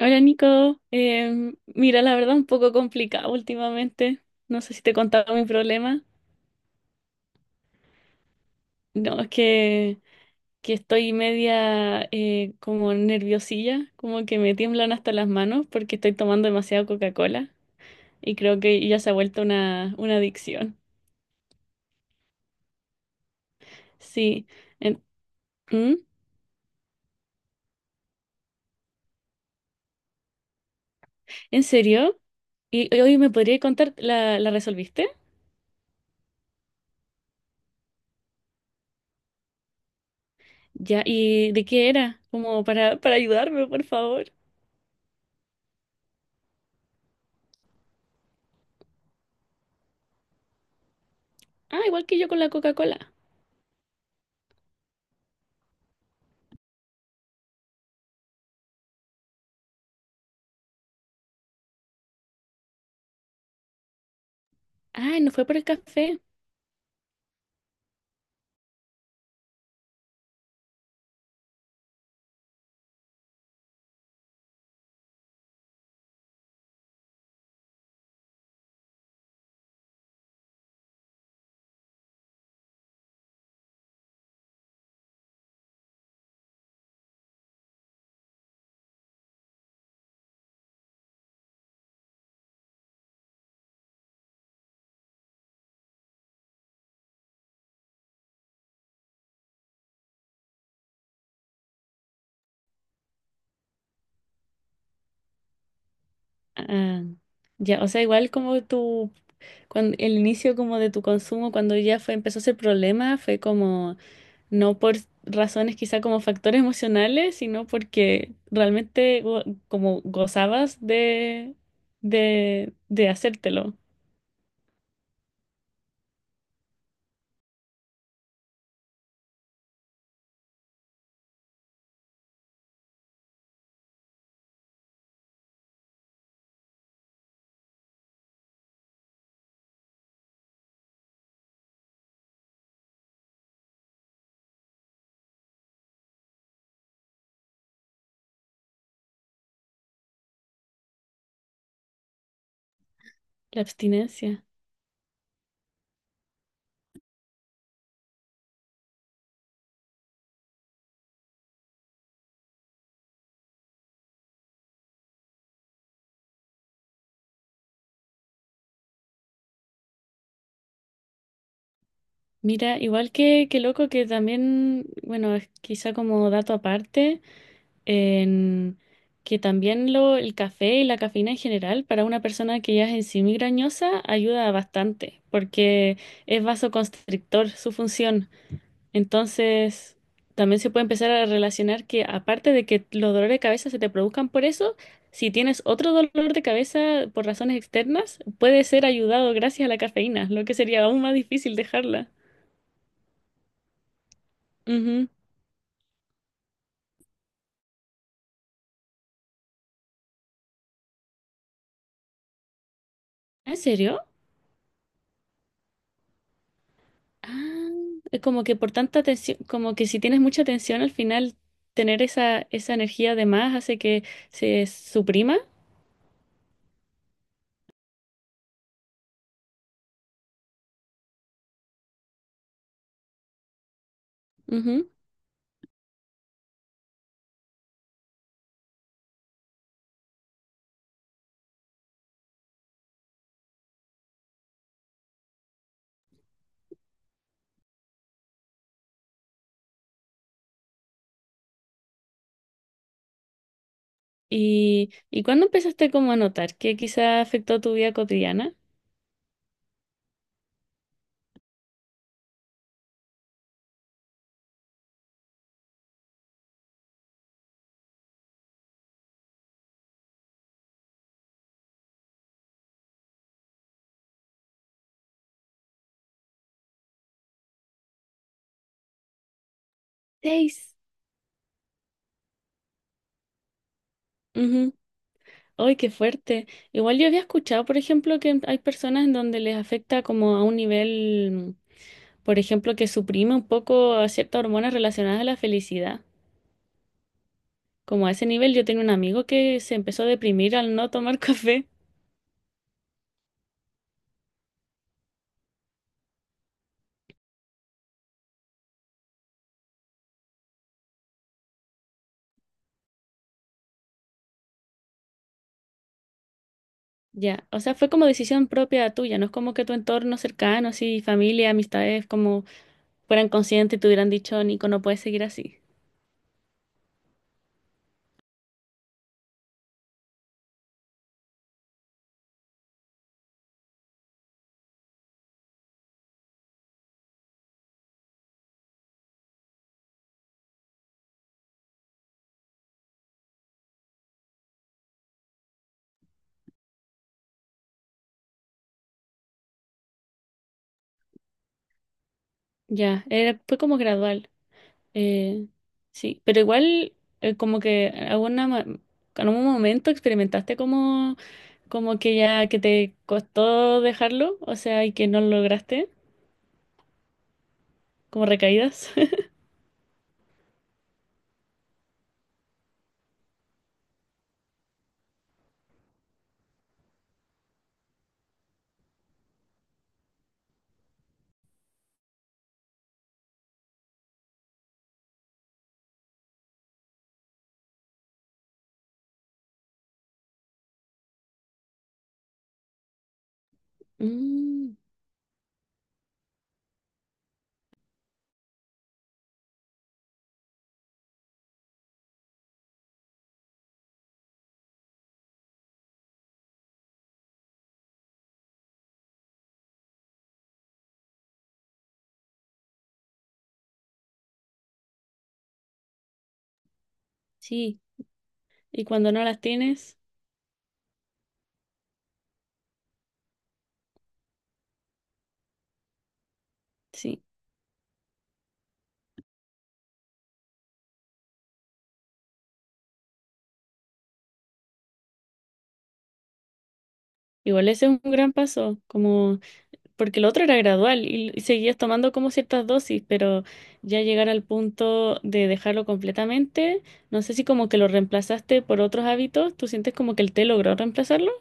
Hola Nico. Mira, la verdad un poco complicado últimamente. No sé si te he contado mi problema. No, es que estoy media como nerviosilla, como que me tiemblan hasta las manos porque estoy tomando demasiada Coca-Cola y creo que ya se ha vuelto una adicción. Sí. ¿en, ¿Mm? ¿En serio? ¿Y hoy me podría contar, la resolviste? Ya, ¿y de qué era? Como para ayudarme, por favor. Ah, igual que yo con la Coca-Cola. Ah, ¿no fue por el café? Ah, ya, o sea, igual como tu, cuando, el inicio como de tu consumo, cuando ya fue, empezó ese problema, fue como, no por razones quizá como factores emocionales, sino porque realmente como gozabas de hacértelo, la abstinencia. Mira, igual que loco que también, bueno, es quizá como dato aparte. En que también lo, el café y la cafeína en general para una persona que ya es en sí migrañosa ayuda bastante porque es vasoconstrictor su función. Entonces, también se puede empezar a relacionar que aparte de que los dolores de cabeza se te produzcan por eso, si tienes otro dolor de cabeza por razones externas, puede ser ayudado gracias a la cafeína, lo que sería aún más difícil dejarla. Ujú. ¿Ah, ¿en serio? Ah, es como que por tanta tensión, como que si tienes mucha tensión al final, tener esa energía de más hace que se suprima. Ujú. Y cuándo empezaste como a notar que quizá afectó tu vida cotidiana? Seis. Ujú. ¡Ay, qué fuerte! Igual yo había escuchado, por ejemplo, que hay personas en donde les afecta como a un nivel, por ejemplo, que suprime un poco a ciertas hormonas relacionadas a la felicidad. Como a ese nivel, yo tenía un amigo que se empezó a deprimir al no tomar café. Ya, o sea, fue como decisión propia tuya, no es como que tu entorno cercano, así, familia, amistades, como fueran conscientes y te hubieran dicho, Nico, no puedes seguir así. Ya, era, fue como gradual. eh, sí, pero igual, como que alguna, en algún momento experimentaste como, como que ya, que te costó dejarlo, o sea, y que no lo lograste, como recaídas. Mm, sí, y cuando no las tienes, sí. Igual ese es un gran paso, como... porque lo otro era gradual y seguías tomando como ciertas dosis, pero ya llegar al punto de dejarlo completamente, no sé si como que lo reemplazaste por otros hábitos, ¿tú sientes como que el té logró reemplazarlo?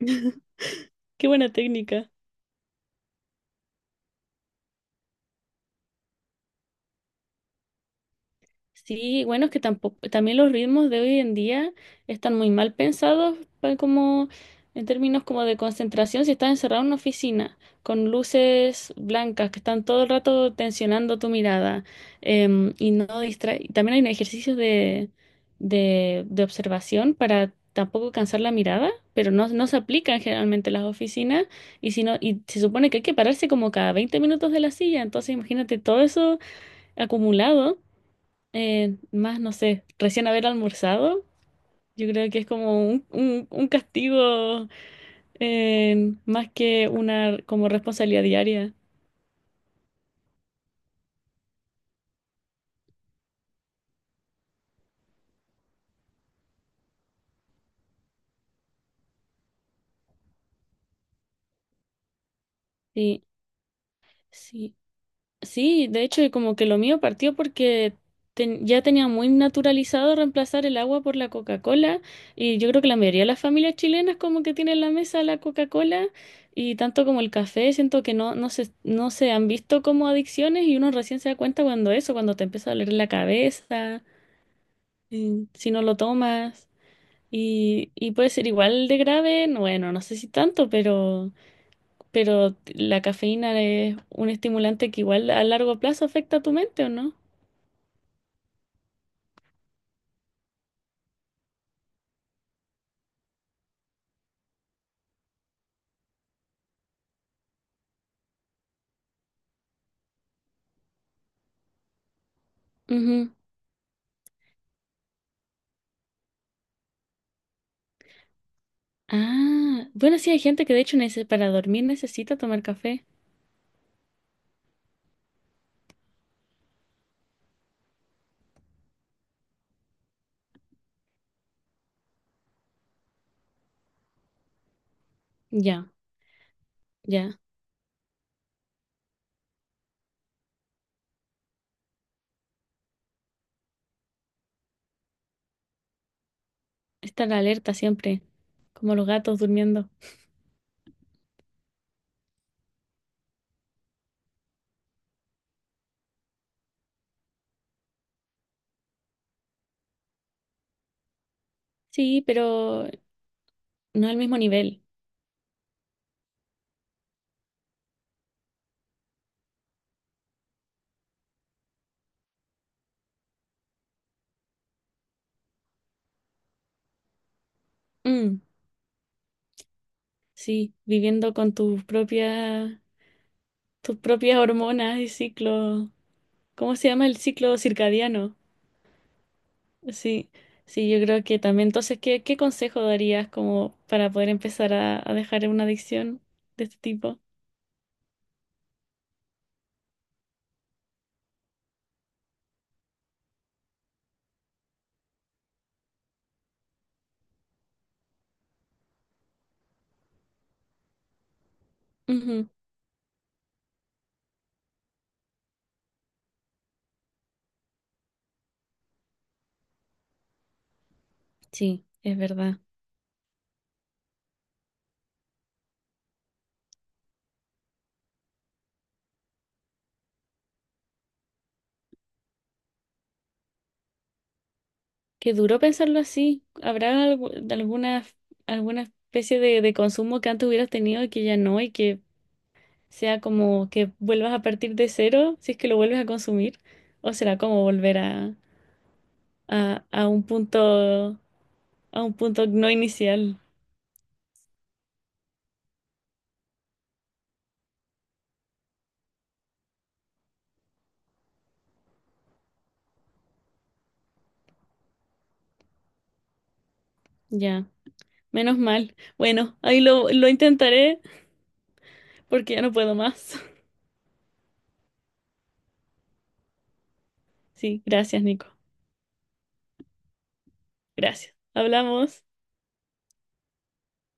Qué buena técnica. Sí, bueno, es que tampoco, también los ritmos de hoy en día están muy mal pensados como en términos como de concentración si estás encerrado en una oficina con luces blancas que están todo el rato tensionando tu mirada, y no distrae. También hay un ejercicio de observación para tampoco cansar la mirada, pero no, no se aplican generalmente en las oficinas y, si no, y se supone que hay que pararse como cada 20 minutos de la silla, entonces imagínate todo eso acumulado. Más, no sé, recién haber almorzado, yo creo que es como un castigo más que una como responsabilidad diaria. Sí, sí, sí, de hecho como que lo mío partió porque ya tenía muy naturalizado reemplazar el agua por la Coca-Cola y yo creo que la mayoría de las familias chilenas como que tienen en la mesa la Coca-Cola y tanto como el café, siento que no, no se han visto como adicciones y uno recién se da cuenta cuando eso, cuando te empieza a doler la cabeza. Mm. Si no lo tomas y puede ser igual de grave, no, bueno, no sé si tanto, pero la cafeína es un estimulante que igual a largo plazo afecta a tu mente, ¿o no? Ujú. Ah, bueno, sí hay gente que de hecho para dormir necesita tomar café. Ya, ya. Estar alerta siempre, como los gatos durmiendo. Sí, pero no al mismo nivel. Mm, sí, viviendo con tus propias hormonas y ciclos. ¿Cómo se llama el ciclo circadiano? Sí, sí, yo creo que también. Entonces, ¿qué, qué consejo darías como para poder empezar a dejar una adicción de este tipo? Ujú. Sí, es verdad. Qué duro pensarlo así. ¿Habrá alguna, alguna especie de consumo que antes hubieras tenido y que ya no y que sea como que vuelvas a partir de cero si es que lo vuelves a consumir? ¿O será como volver a, a un punto, a un punto no inicial? Ya. Menos mal. Bueno, ahí lo intentaré porque ya no puedo más. Sí, gracias, Nico. Gracias. Hablamos.